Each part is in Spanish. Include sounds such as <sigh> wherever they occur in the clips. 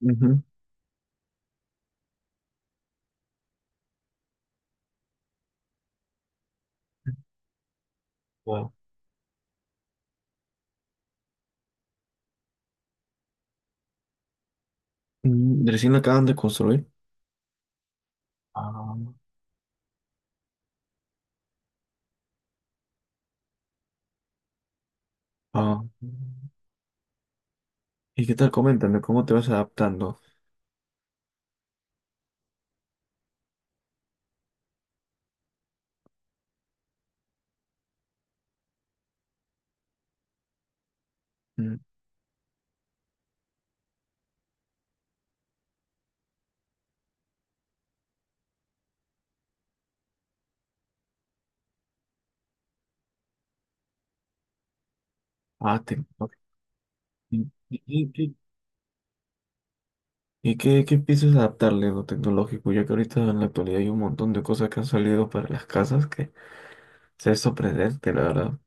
Ujú. Wow. Recién lo acaban de construir. Ah, ah. ¿Y qué tal? Coméntame, ¿cómo te vas adaptando? Mm. Ah, tecnológico. ¿Y, y- y- y qué piensas adaptarle lo tecnológico? Ya que ahorita en la actualidad hay un montón de cosas que han salido para las casas que se es sorprendente, la verdad.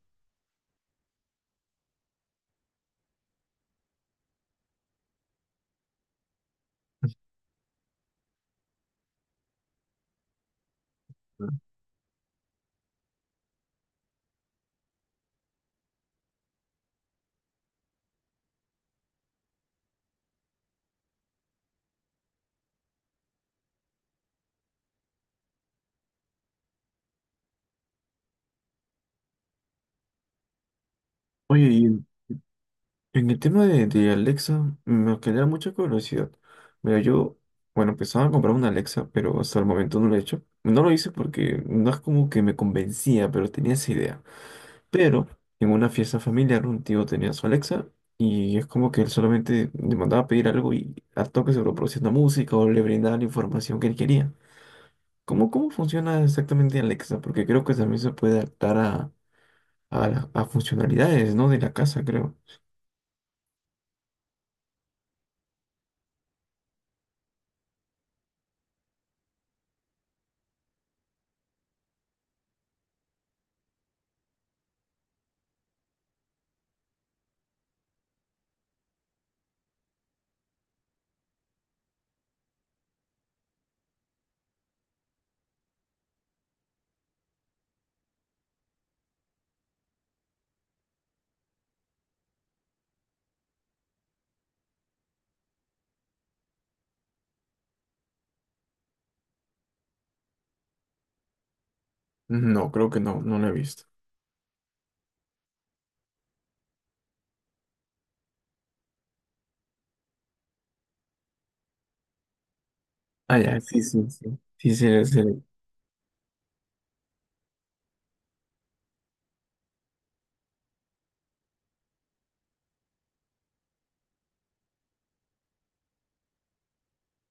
Oye, y en el tema de Alexa, me genera mucha curiosidad. Mira, yo, bueno, pensaba en comprar una Alexa, pero hasta el momento no lo he hecho. No lo hice porque no es como que me convencía, pero tenía esa idea. Pero en una fiesta familiar, un tío tenía su Alexa y es como que él solamente le mandaba a pedir algo y al toque se lo producía una música o le brindaba la información que él quería. ¿Cómo funciona exactamente Alexa? Porque creo que también se puede adaptar a funcionalidades, ¿no? De la casa, creo. No, creo que no, no lo he visto. Ah, ya, sí, sí, sí. Sí,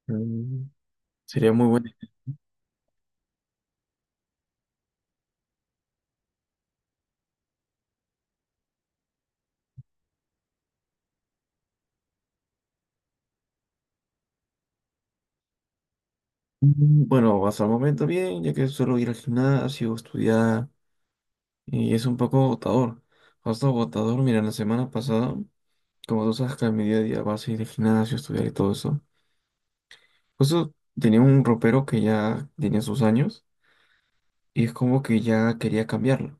mm, sería muy bueno. Bueno, hasta el momento bien, ya que suelo ir al gimnasio, estudiar, y es un poco agotador. Hasta agotador, mira, la semana pasada, como tú sabes que a mi día a día vas a ir al gimnasio, estudiar y todo eso. Justo tenía un ropero que ya tenía sus años, y es como que ya quería cambiarlo.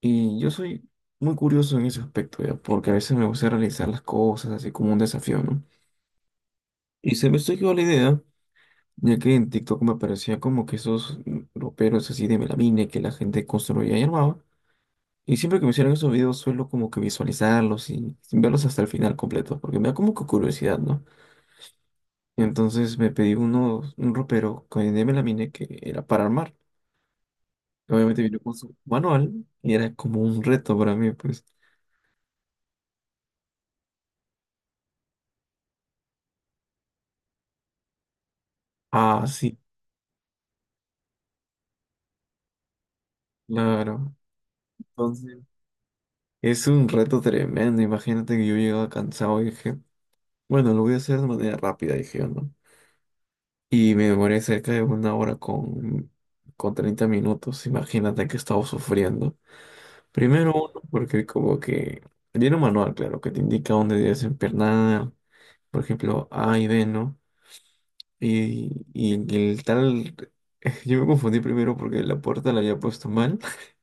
Y yo soy muy curioso en ese aspecto, ya, porque a veces me gusta realizar las cosas así como un desafío, ¿no? Y se me surgió la idea. Ya que en TikTok me aparecía como que esos roperos así de melamine que la gente construía y armaba. Y siempre que me hicieron esos videos suelo como que visualizarlos y sin verlos hasta el final completo, porque me da como que curiosidad, ¿no? Entonces me pedí uno, un ropero de melamine que era para armar. Obviamente vino con su manual y era como un reto para mí, pues. Ah, sí, claro. Entonces es un reto tremendo. Imagínate que yo llegaba cansado y dije, bueno, lo voy a hacer de manera rápida, dije yo, ¿no? Y me demoré cerca de una hora con 30 minutos. Imagínate que estaba sufriendo. Primero uno, porque como que viene un manual, claro, que te indica dónde debes empernar. Por ejemplo, A y B, ¿no? Y el tal... <laughs> Yo me confundí primero porque la puerta la había puesto mal. <laughs>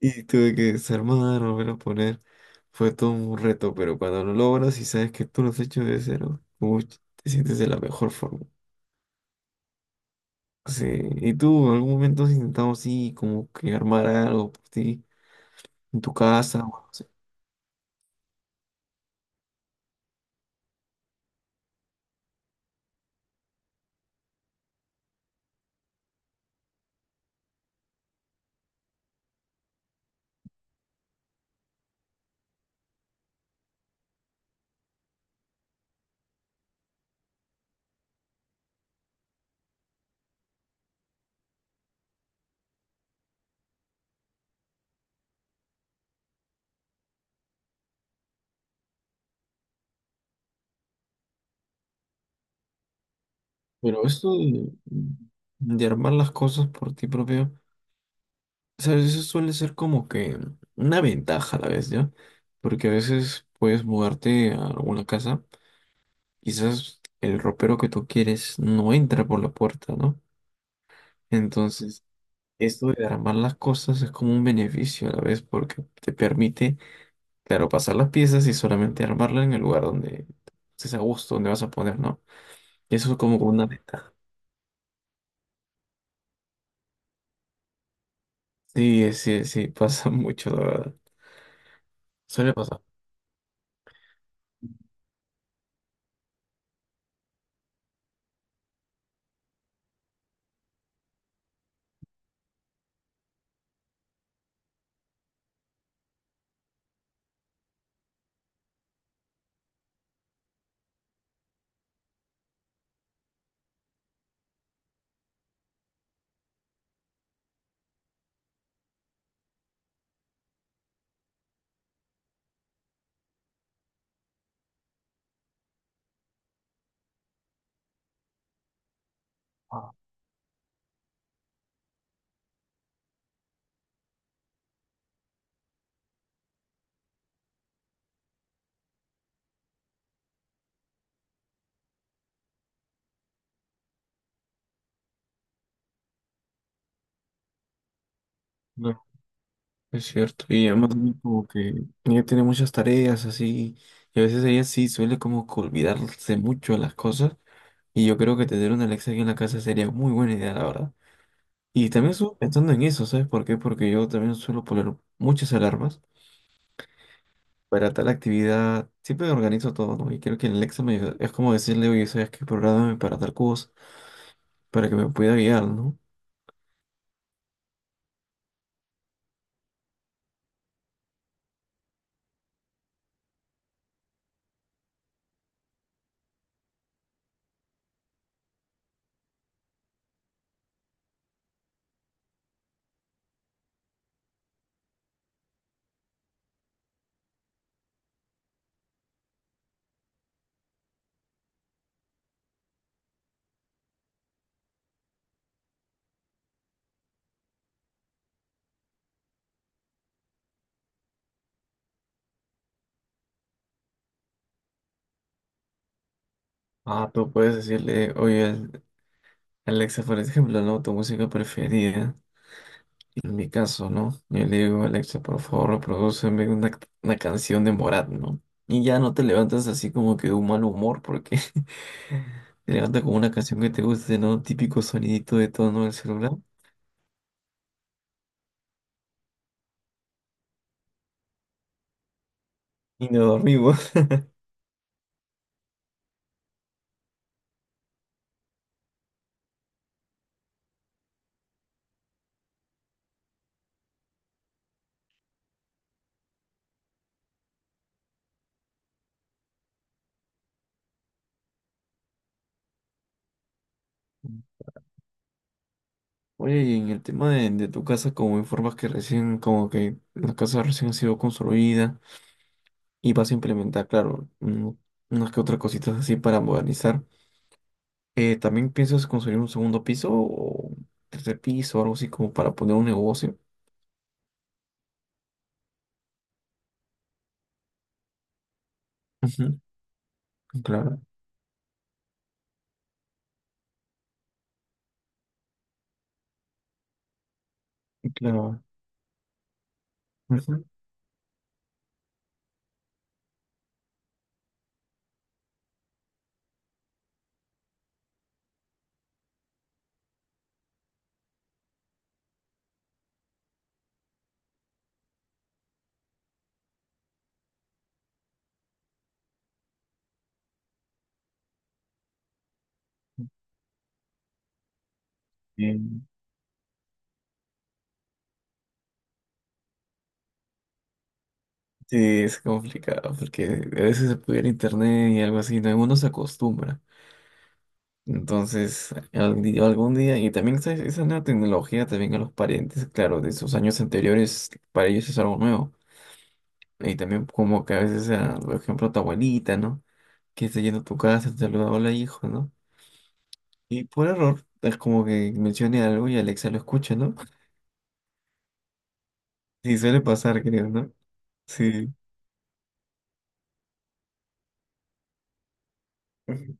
Y tuve que desarmar, volver a poner. Fue todo un reto, pero cuando lo logras y sabes que tú lo has hecho de cero, uy, te sientes de la mejor forma. Sí, ¿y tú en algún momento has intentado así como que armar algo por ti en tu casa? ¿O algo así? Pero esto de, armar las cosas por ti propio, ¿sabes? Eso suele ser como que una ventaja a la vez, ¿ya? Porque a veces puedes mudarte a alguna casa, quizás el ropero que tú quieres no entra por la puerta, ¿no? Entonces, esto de armar las cosas es como un beneficio a la vez porque te permite, claro, pasar las piezas y solamente armarla en el lugar donde estés a gusto, donde vas a poner, ¿no? Y eso es como una ventaja. Sí, sí, sí, <laughs> pasa mucho, la verdad. Suele pasar. No, es cierto. Y además también como que ella tiene muchas tareas así, y a veces ella sí suele como que olvidarse mucho de las cosas, y yo creo que tener una Alexa aquí en la casa sería muy buena idea, la verdad. Y también estuve pensando en eso, ¿sabes por qué? Porque yo también suelo poner muchas alarmas. Para tal actividad, siempre organizo todo, ¿no? Y creo que el Alexa me ayuda. Es como decirle, oye, ¿sabes qué? Programa para tal cosa, para que me pueda guiar, ¿no? Ah, tú puedes decirle, oye, Alexa, por ejemplo, ¿no? Tu música preferida. En mi caso, ¿no? Yo le digo, Alexa, por favor, reprodúceme una canción de Morat, ¿no? Y ya no te levantas así como que de un mal humor, porque <laughs> te levantas con una canción que te guste, ¿no? Típico sonidito de tono del celular. Y nos dormimos. <laughs> Oye, y en el tema de, tu casa, como informas que recién, como que la casa recién ha sido construida y vas a implementar, claro, unas que otras cositas así para modernizar, ¿también piensas construir un segundo piso o tercer piso, algo así como para poner un negocio? Ujú. Claro, claro. Ujú. Bien. Sí, es complicado porque a veces se puede ir a internet y algo así, no, uno se acostumbra. Entonces, algún día, y también esa nueva tecnología también a los parientes, claro, de sus años anteriores, para ellos es algo nuevo. Y también como que a veces, ah, por ejemplo, tu abuelita, ¿no? Que está yendo a tu casa, te saluda, hola hijo, ¿no? Y por error, es como que mencione algo y Alexa lo escucha, ¿no? <laughs> Sí, suele pasar, creo, ¿no? Sí. <laughs> Ujú.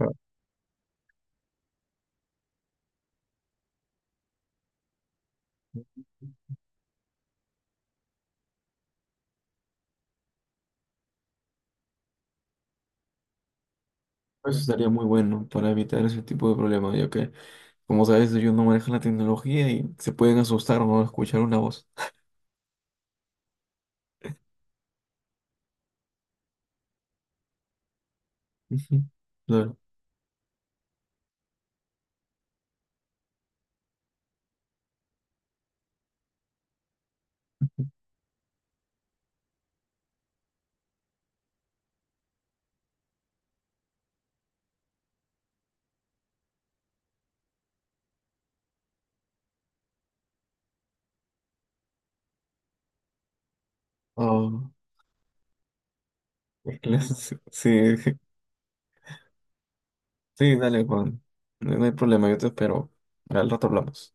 Ah. Eso estaría muy bueno para evitar ese tipo de problemas, ya que, como sabes, ellos no manejan la tecnología y se pueden asustar o no escuchar una voz. <laughs> Ujú. Claro. Oh, claro, <laughs> sí, sí, sí, dale, Juan. No hay problema, yo te espero. Al rato hablamos.